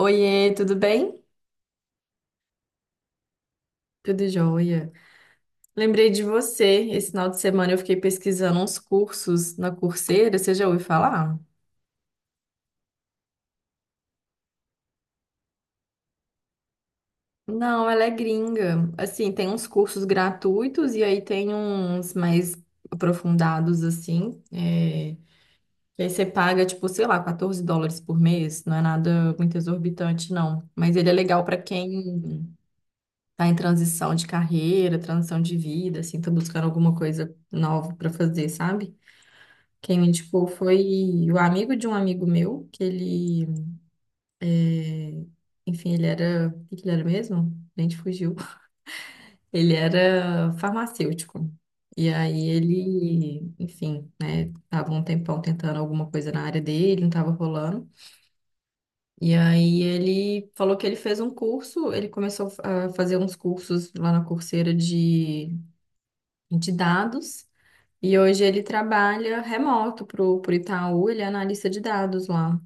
Oiê, tudo bem? Tudo jóia. Lembrei de você. Esse final de semana eu fiquei pesquisando uns cursos na Coursera. Você já ouviu falar? Não, ela é gringa. Assim, tem uns cursos gratuitos e aí tem uns mais aprofundados, assim. Que aí você paga, tipo, sei lá, US$ 14 por mês. Não é nada muito exorbitante, não. Mas ele é legal para quem tá em transição de carreira, transição de vida, assim, tá buscando alguma coisa nova para fazer, sabe? Quem me indicou foi o amigo de um amigo meu, que ele, é, ele era, o que que ele era mesmo? A gente fugiu. Ele era farmacêutico. E aí ele, enfim, né, tava um tempão tentando alguma coisa na área dele, não tava rolando. E aí ele falou que ele fez um curso, ele começou a fazer uns cursos lá na Coursera de dados. E hoje ele trabalha remoto pro Itaú, ele é analista de dados lá.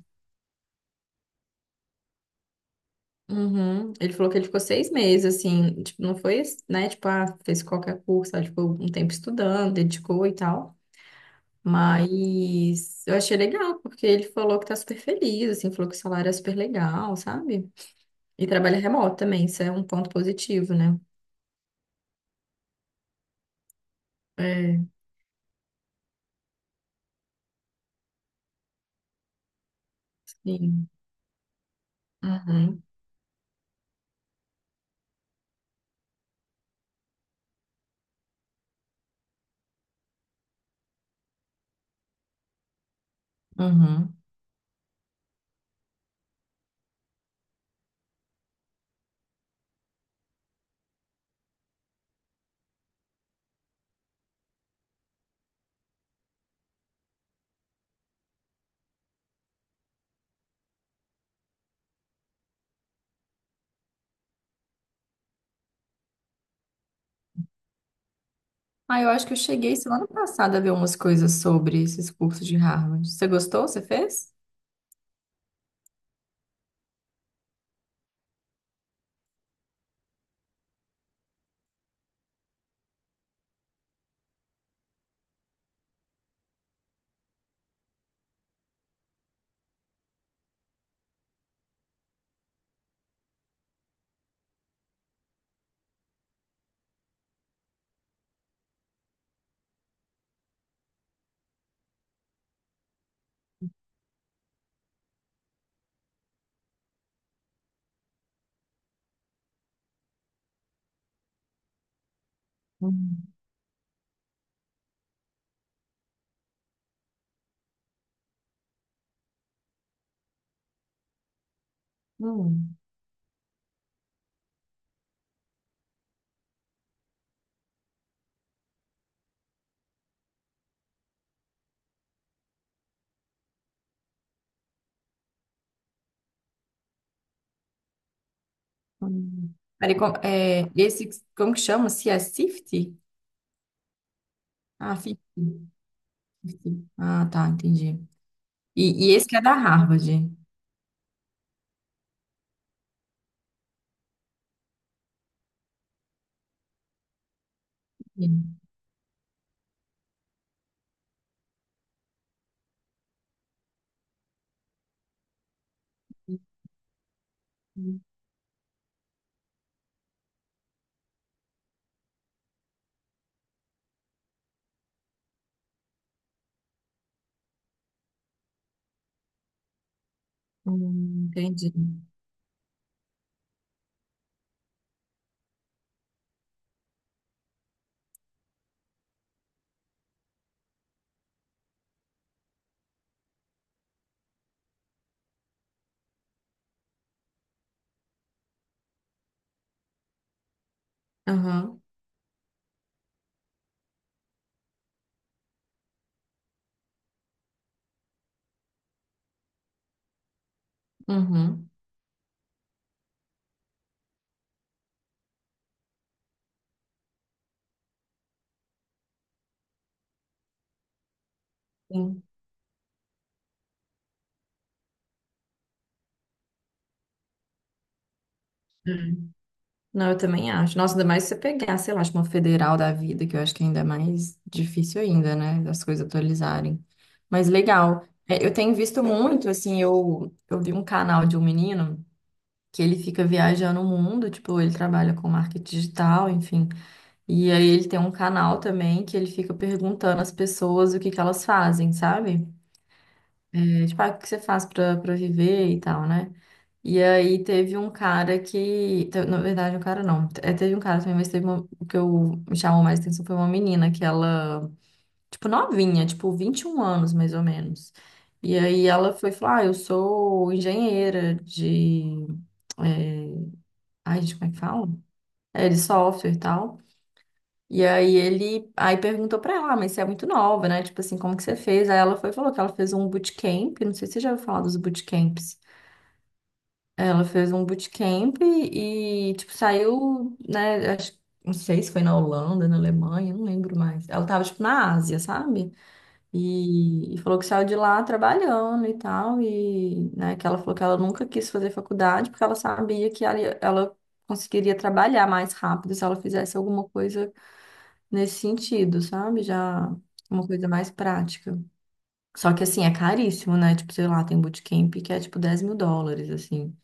Uhum. Ele falou que ele ficou 6 meses, assim, tipo, não foi, né, tipo, ah, fez qualquer curso, sabe? Tipo, um tempo estudando, dedicou e tal. Mas eu achei legal, porque ele falou que tá super feliz, assim, falou que o salário é super legal, sabe? E trabalha remoto também, isso é um ponto positivo, né? É. Sim. Uhum. Uhum. Ah, eu acho que eu cheguei semana passada a ver umas coisas sobre esses cursos de Harvard. Você gostou? Você fez? Hum. Hum. Hum. Peraí, como que chama? Se é Safety? Ah, Safety. Safety. Ah, tá, entendi. E esse que é da Harvard. Sim. Entendi. Aham, uhum, sim. É. Não, eu também acho. Nossa, ainda mais se você pegar, sei lá, acho uma federal da vida, que eu acho que ainda é mais difícil ainda, né, das coisas atualizarem. Mas legal. É, eu tenho visto muito, assim, eu vi um canal de um menino que ele fica viajando o mundo, tipo, ele trabalha com marketing digital, enfim. E aí ele tem um canal também que ele fica perguntando às pessoas o que que elas fazem, sabe? É, tipo, ah, o que você faz pra viver e tal, né? E aí teve um cara na verdade, um cara não, é, teve um cara também, mas teve uma, o que eu me chamou mais atenção foi uma menina que ela, tipo, novinha, tipo, 21 anos mais ou menos. E aí ela foi falar, ah, eu sou engenheira de, é, ai, gente, como é que fala? De software e tal. E aí ele aí perguntou pra ela, "Ah, mas você é muito nova, né? Tipo assim, como que você fez?" Aí ela foi e falou que ela fez um bootcamp, não sei se você já ouviu falar dos bootcamps. Ela fez um bootcamp e, tipo, saiu, né? Acho, não sei se foi na Holanda, na Alemanha, não lembro mais. Ela tava, tipo, na Ásia, sabe? E falou que saiu de lá trabalhando e tal. E, né, que ela falou que ela nunca quis fazer faculdade porque ela sabia que ela conseguiria trabalhar mais rápido se ela fizesse alguma coisa nesse sentido, sabe? Já uma coisa mais prática. Só que assim, é caríssimo, né? Tipo, sei lá, tem bootcamp que é tipo US$ 10.000, assim.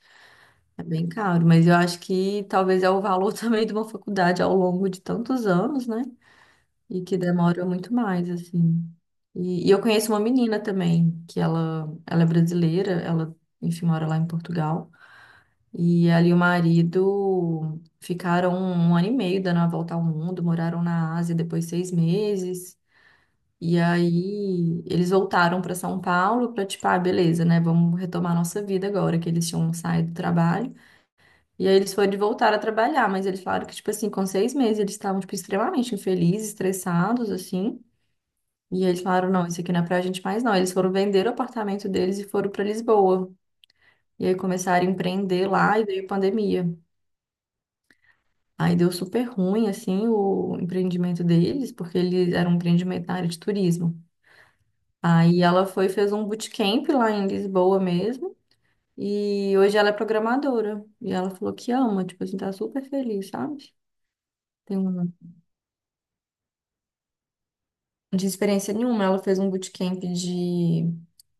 É bem caro, mas eu acho que talvez é o valor também de uma faculdade ao longo de tantos anos, né? E que demora muito mais, assim. E eu conheço uma menina também, ela é brasileira, ela, enfim, mora lá em Portugal. E ela e o marido ficaram 1 ano e meio dando a volta ao mundo, moraram na Ásia depois 6 meses. E aí eles voltaram para São Paulo para tipo, ah, beleza, né? Vamos retomar nossa vida agora que eles tinham saído do trabalho. E aí eles foram de voltar a trabalhar, mas eles falaram que tipo assim, com 6 meses eles estavam tipo extremamente infelizes, estressados assim. E aí eles falaram, não, isso aqui não é pra gente mais não. Eles foram vender o apartamento deles e foram para Lisboa. E aí começaram a empreender lá e veio a pandemia. Aí deu super ruim assim o empreendimento deles, porque eles eram um empreendimento na área de turismo. Aí ela foi, e fez um bootcamp lá em Lisboa mesmo. E hoje ela é programadora. E ela falou que ama, tipo assim, tá super feliz, sabe? Tem uma de experiência nenhuma. Ela fez um bootcamp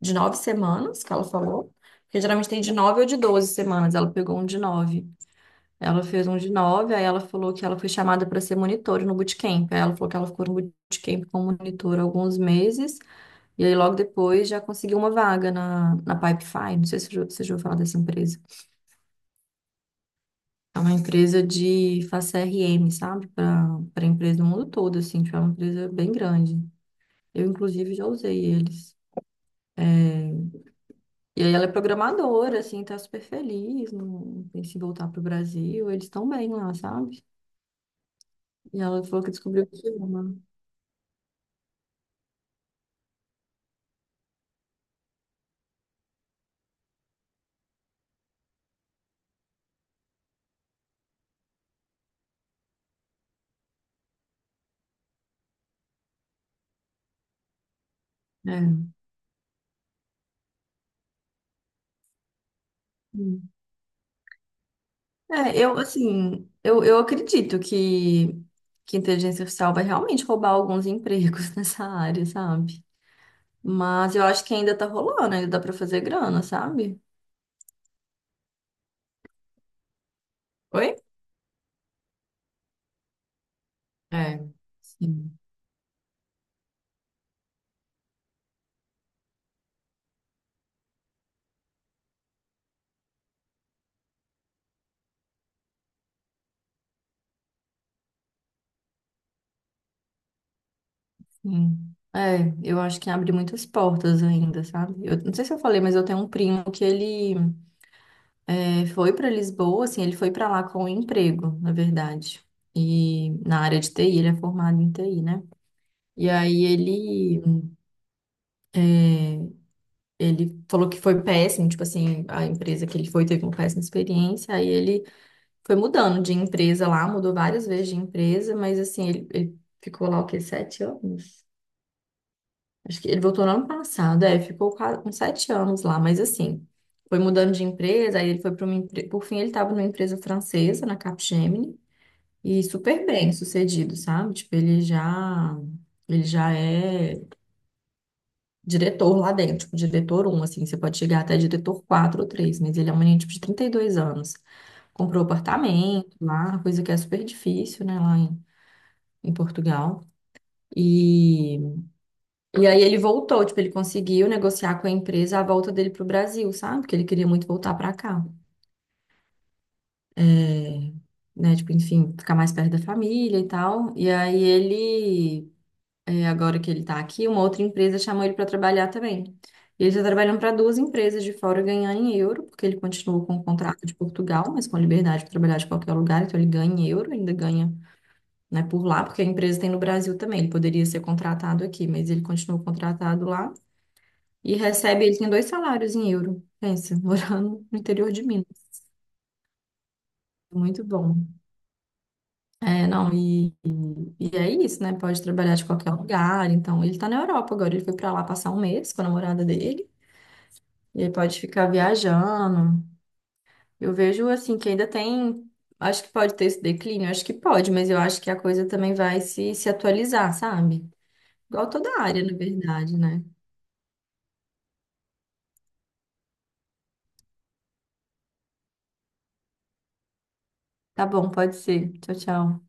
de 9 semanas, que ela falou. Porque geralmente tem de 9 ou de 12 semanas. Ela pegou um de nove. Ela fez um de nove, aí ela falou que ela foi chamada para ser monitora no bootcamp. Aí ela falou que ela ficou no bootcamp como monitora alguns meses. E aí, logo depois, já consegui uma vaga na Pipefy. Não sei se você já ouviu falar dessa empresa. É uma empresa de faz CRM, sabe? Para empresa do mundo todo, assim. Tipo, é uma empresa bem grande. Eu, inclusive, já usei eles. E aí, ela é programadora, assim, tá super feliz. Não pensa em voltar pro Brasil. Eles estão bem lá, sabe? E ela falou que descobriu que ama. É. Hum. É, eu acredito que a inteligência artificial vai realmente roubar alguns empregos nessa área, sabe? Mas eu acho que ainda tá rolando, ainda dá pra fazer grana, sabe? Oi? É, sim, sim. É, eu acho que abre muitas portas ainda, sabe? Eu não sei se eu falei, mas eu tenho um primo que foi pra Lisboa, assim, ele foi pra lá com um emprego, na verdade. E na área de TI, ele é formado em TI, né? E aí ele falou que foi péssimo, tipo assim, a empresa que ele foi teve uma péssima experiência, aí ele foi mudando de empresa lá, mudou várias vezes de empresa, mas assim, ele ficou lá o quê? 7 anos? Acho que ele voltou no ano passado, é, ficou uns 7 anos lá, mas assim, foi mudando de empresa, aí ele foi para uma empresa. Por fim, ele estava numa empresa francesa, na Capgemini, e super bem sucedido, sabe? Ele já é diretor lá dentro, tipo, diretor um assim, você pode chegar até diretor 4 ou 3, mas ele é um menino, tipo, de 32 anos. Comprou apartamento lá, coisa que é super difícil, né, lá em Portugal. E, e aí ele voltou, tipo, ele conseguiu negociar com a empresa a volta dele pro Brasil, sabe? Porque ele queria muito voltar para cá, é, né? Tipo, enfim, ficar mais perto da família e tal. E aí ele, agora que ele tá aqui, uma outra empresa chamou ele para trabalhar também. E ele tá trabalhando para duas empresas de fora ganhar em euro, porque ele continuou com o contrato de Portugal, mas com a liberdade de trabalhar de qualquer lugar, então ele ganha em euro, ainda ganha né, por lá, porque a empresa tem no Brasil também. Ele poderia ser contratado aqui, mas ele continua contratado lá e recebe, ele tem dois salários em euro. Pensa, morando no interior de Minas. Muito bom. É, não, e é isso, né? Pode trabalhar de qualquer lugar. Então, ele tá na Europa agora. Ele foi pra lá passar 1 mês com a namorada dele. E aí pode ficar viajando. Eu vejo, assim, que ainda tem. Acho que pode ter esse declínio, acho que pode, mas eu acho que a coisa também vai se atualizar, sabe? Igual toda área, na verdade, né? Tá bom, pode ser. Tchau, tchau.